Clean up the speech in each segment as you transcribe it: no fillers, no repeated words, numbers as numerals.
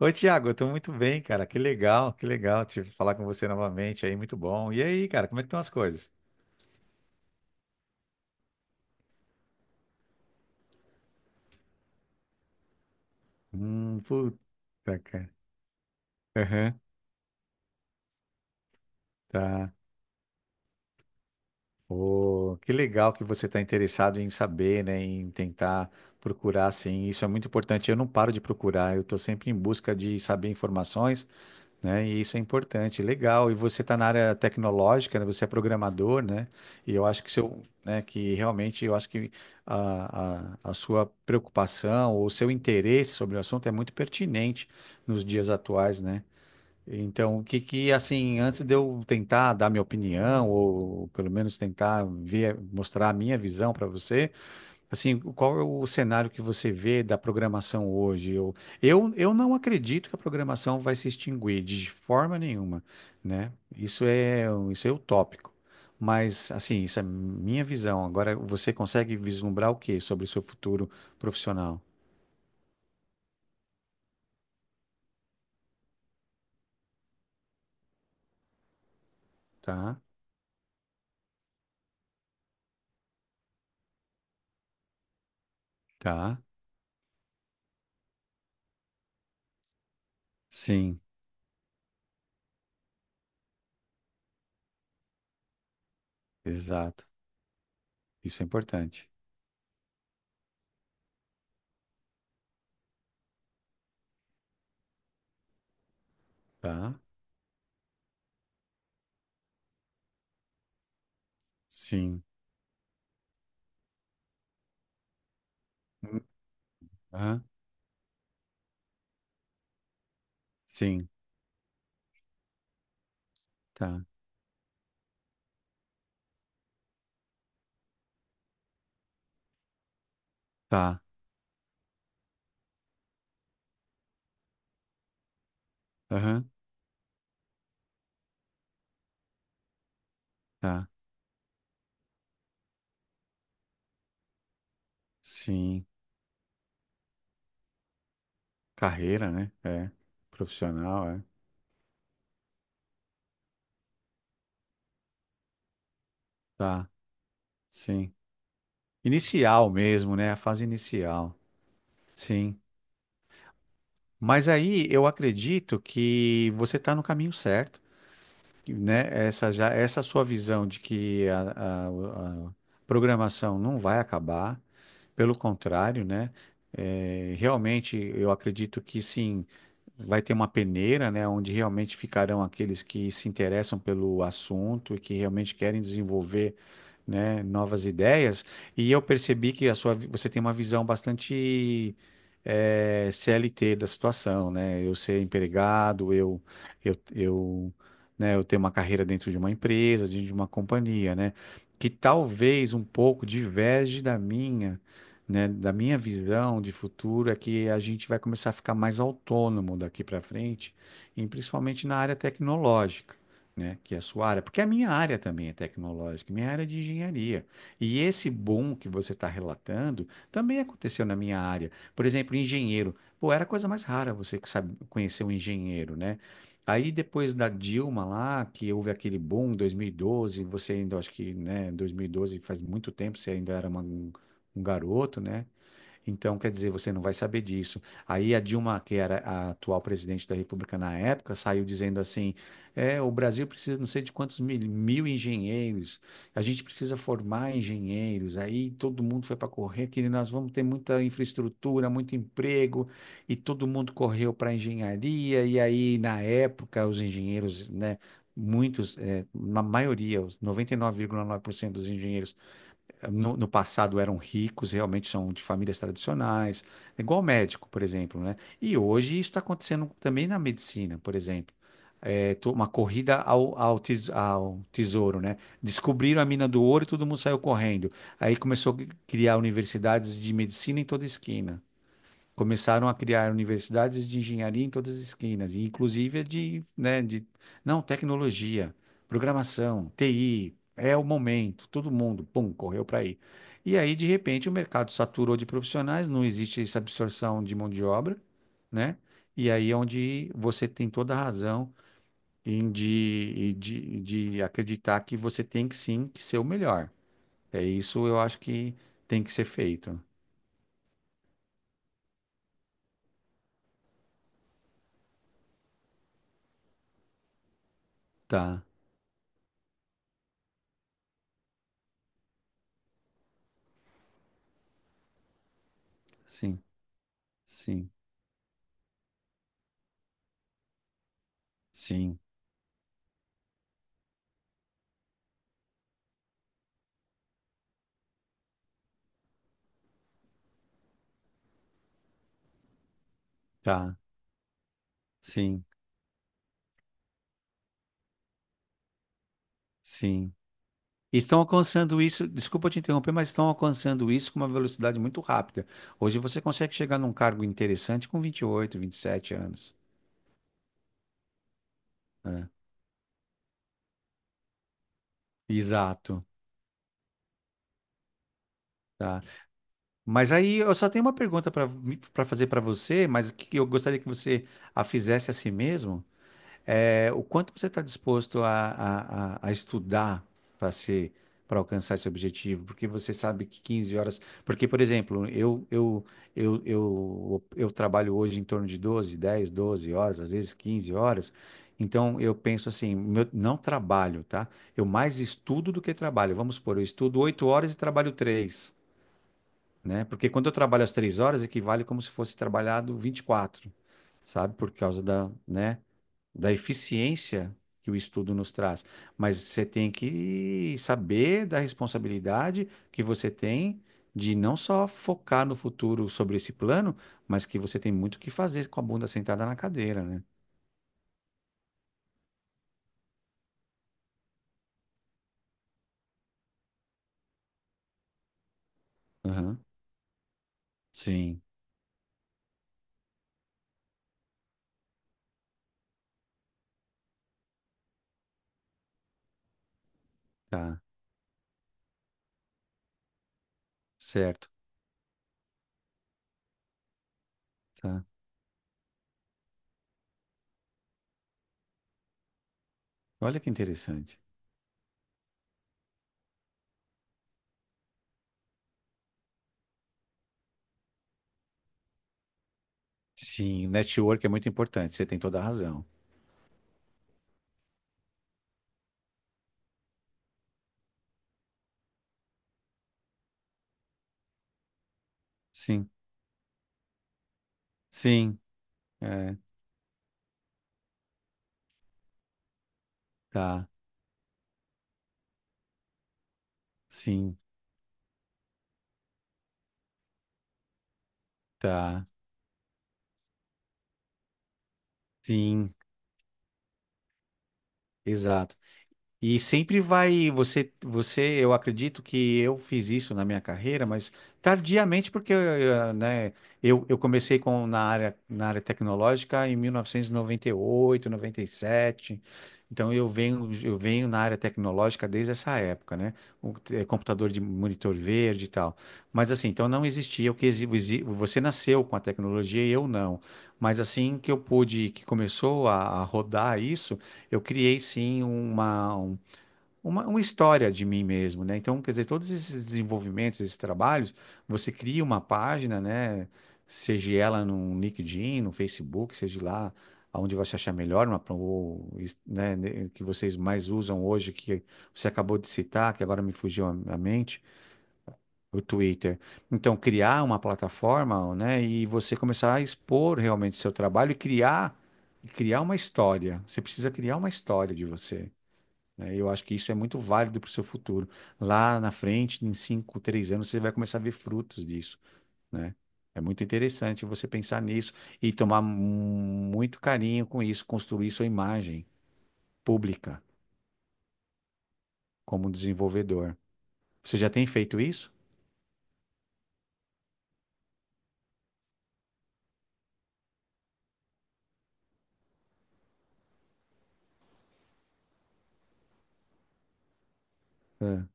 Oi, Tiago, eu tô muito bem, cara. Que legal te falar com você novamente aí, muito bom. E aí, cara, como é que estão as coisas? Puta, cara. Aham, tá. Ô, que legal que você está interessado em saber, né, em tentar procurar, assim, isso é muito importante. Eu não paro de procurar, eu estou sempre em busca de saber informações, né? E isso é importante, legal. E você está na área tecnológica, né? Você é programador, né? E eu acho que seu, né? Que realmente eu acho que a sua preocupação ou o seu interesse sobre o assunto é muito pertinente nos dias atuais, né? Então, o que que assim, antes de eu tentar dar minha opinião ou pelo menos tentar ver, mostrar a minha visão para você, assim, qual é o cenário que você vê da programação hoje? Eu não acredito que a programação vai se extinguir de forma nenhuma, né? Isso é utópico. Mas, assim, isso é minha visão. Agora, você consegue vislumbrar o que sobre o seu futuro profissional? Tá? Tá? Sim, exato. Isso é importante. Tá? Sim. Hum, aham. Sim. Tá. Tá. Aham. Tá. Sim. Carreira, né? É. Profissional, é. Tá, sim. Inicial mesmo, né? A fase inicial. Sim. Mas aí eu acredito que você está no caminho certo, que, né? Essa já, essa sua visão de que a- a programação não vai acabar, pelo contrário, né? É, realmente eu acredito que sim. Vai ter uma peneira, né, onde realmente ficarão aqueles que se interessam pelo assunto e que realmente querem desenvolver, né, novas ideias. E eu percebi que a sua, vi- você tem uma visão bastante CLT da situação, né? Eu ser empregado, eu, eu, né, eu ter uma carreira dentro de uma empresa, dentro de uma companhia, né? Que talvez um pouco diverge da minha, né, da minha visão de futuro é que a gente vai começar a ficar mais autônomo daqui para frente, e principalmente na área tecnológica, né, que é a sua área, porque a minha área também é tecnológica, minha área é de engenharia. E esse boom que você está relatando também aconteceu na minha área. Por exemplo, engenheiro. Pô, era a coisa mais rara você que sabe conhecer um engenheiro, né? Aí depois da Dilma lá, que houve aquele boom em 2012, você ainda, acho que, né, 2012 faz muito tempo, você ainda era uma um garoto, né? Então, quer dizer, você não vai saber disso. Aí a Dilma, que era a atual presidente da República na época, saiu dizendo assim: é, o Brasil precisa não sei de quantos mil, mil engenheiros, a gente precisa formar engenheiros. Aí todo mundo foi para correr, que nós vamos ter muita infraestrutura, muito emprego, e todo mundo correu para a engenharia. E aí, na época, os engenheiros, né? Muitos, é, na maioria, os 99,9% dos engenheiros no passado eram ricos, realmente são de famílias tradicionais, é igual médico, por exemplo, né? E hoje isso está acontecendo também na medicina, por exemplo. É to- uma corrida ao tesouro, né? Descobriram a mina do ouro e todo mundo saiu correndo. Aí começou a criar universidades de medicina em toda esquina. Começaram a criar universidades de engenharia em todas as esquinas, e inclusive de, né, de, não, tecnologia, programação, TI, é o momento, todo mundo, pum, correu para aí. E aí, de repente, o mercado saturou de profissionais, não existe essa absorção de mão de obra, né? E aí é onde você tem toda a razão em de acreditar que você tem que sim que ser o melhor. É isso eu acho que tem que ser feito. Tá, sim, sim, sim. Tá, sim, sim. E estão alcançando isso, desculpa te interromper, mas estão alcançando isso com uma velocidade muito rápida. Hoje você consegue chegar num cargo interessante com 20, 28, 27 anos, né? Exato, tá. Mas aí eu só tenho uma pergunta para fazer para você, mas que eu gostaria que você a fizesse a si mesmo. É, o quanto você está disposto a estudar para ser, para alcançar esse objetivo? Porque você sabe que 15 horas. Porque, por exemplo, eu trabalho hoje em torno de 12, 10, 12 horas, às vezes 15 horas. Então, eu penso assim, meu- não trabalho, tá? Eu mais estudo do que trabalho. Vamos supor, eu estudo 8 horas e trabalho três, né? Porque quando eu trabalho as 3 horas, equivale como se fosse trabalhado 24, sabe? Por causa da, né? Da eficiência que o estudo nos traz, mas você tem que saber da responsabilidade que você tem de não só focar no futuro sobre esse plano, mas que você tem muito o que fazer com a bunda sentada na cadeira, né? Aham. Sim, tá, certo, tá. Olha que interessante. Sim, o network é muito importante, você tem toda a razão. Sim, sim, é, tá, sim, tá, sim, exato. E sempre vai, você, você, eu acredito que eu fiz isso na minha carreira, mas tardiamente, porque né, eu comecei com, na área tecnológica em 1998, 97, então eu venho na área tecnológica desde essa época, né? O, eh, computador de monitor verde e tal. Mas assim, então não existia o que exi- exi- você nasceu com a tecnologia e eu não. Mas assim que eu pude, que começou a rodar isso, eu criei sim uma história de mim mesmo, né? Então, quer dizer, todos esses desenvolvimentos, esses trabalhos, você cria uma página, né? Seja ela no LinkedIn, no Facebook, seja lá aonde você achar melhor, uma, ou, is- né, que vocês mais usam hoje, que você acabou de citar, que agora me fugiu a mente, o Twitter. Então, criar uma plataforma, né? E você começar a expor realmente seu trabalho e criar uma história. Você precisa criar uma história de você, né? Eu acho que isso é muito válido para o seu futuro. Lá na frente, em 5, 3 anos, você vai começar a ver frutos disso, né? É muito interessante você pensar nisso e tomar mu- muito carinho com isso, construir sua imagem pública como desenvolvedor. Você já tem feito isso? É.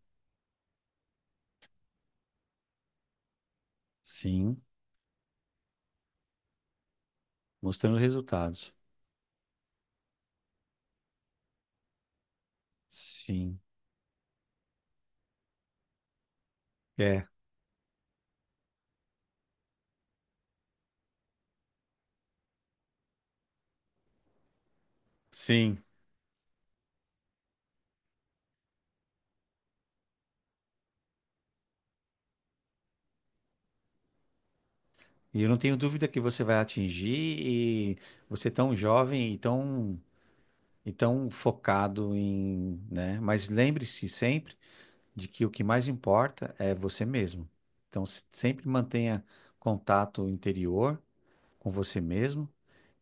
Sim, mostrando resultados. Sim, é, sim. E eu não tenho dúvida que você vai atingir e você é tão jovem e tão, então, focado em, né? Mas lembre-se sempre de que o que mais importa é você mesmo. Então, se- sempre mantenha contato interior com você mesmo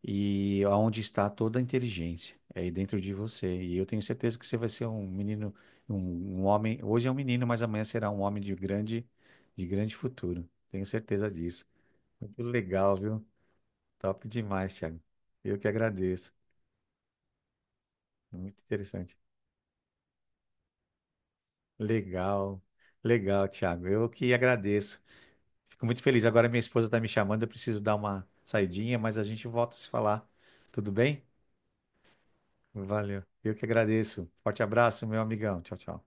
e aonde está toda a inteligência, é aí dentro de você. E eu tenho certeza que você vai ser um menino, um, um homem. Hoje é um menino, mas amanhã será um homem de grande futuro. Tenho certeza disso. Muito legal, viu? Top demais, Thiago. Eu que agradeço. Muito interessante. Legal, legal, Thiago. Eu que agradeço. Fico muito feliz. Agora minha esposa está me chamando, eu preciso dar uma saidinha, mas a gente volta a se falar. Tudo bem? Valeu. Eu que agradeço. Forte abraço, meu amigão. Tchau, tchau.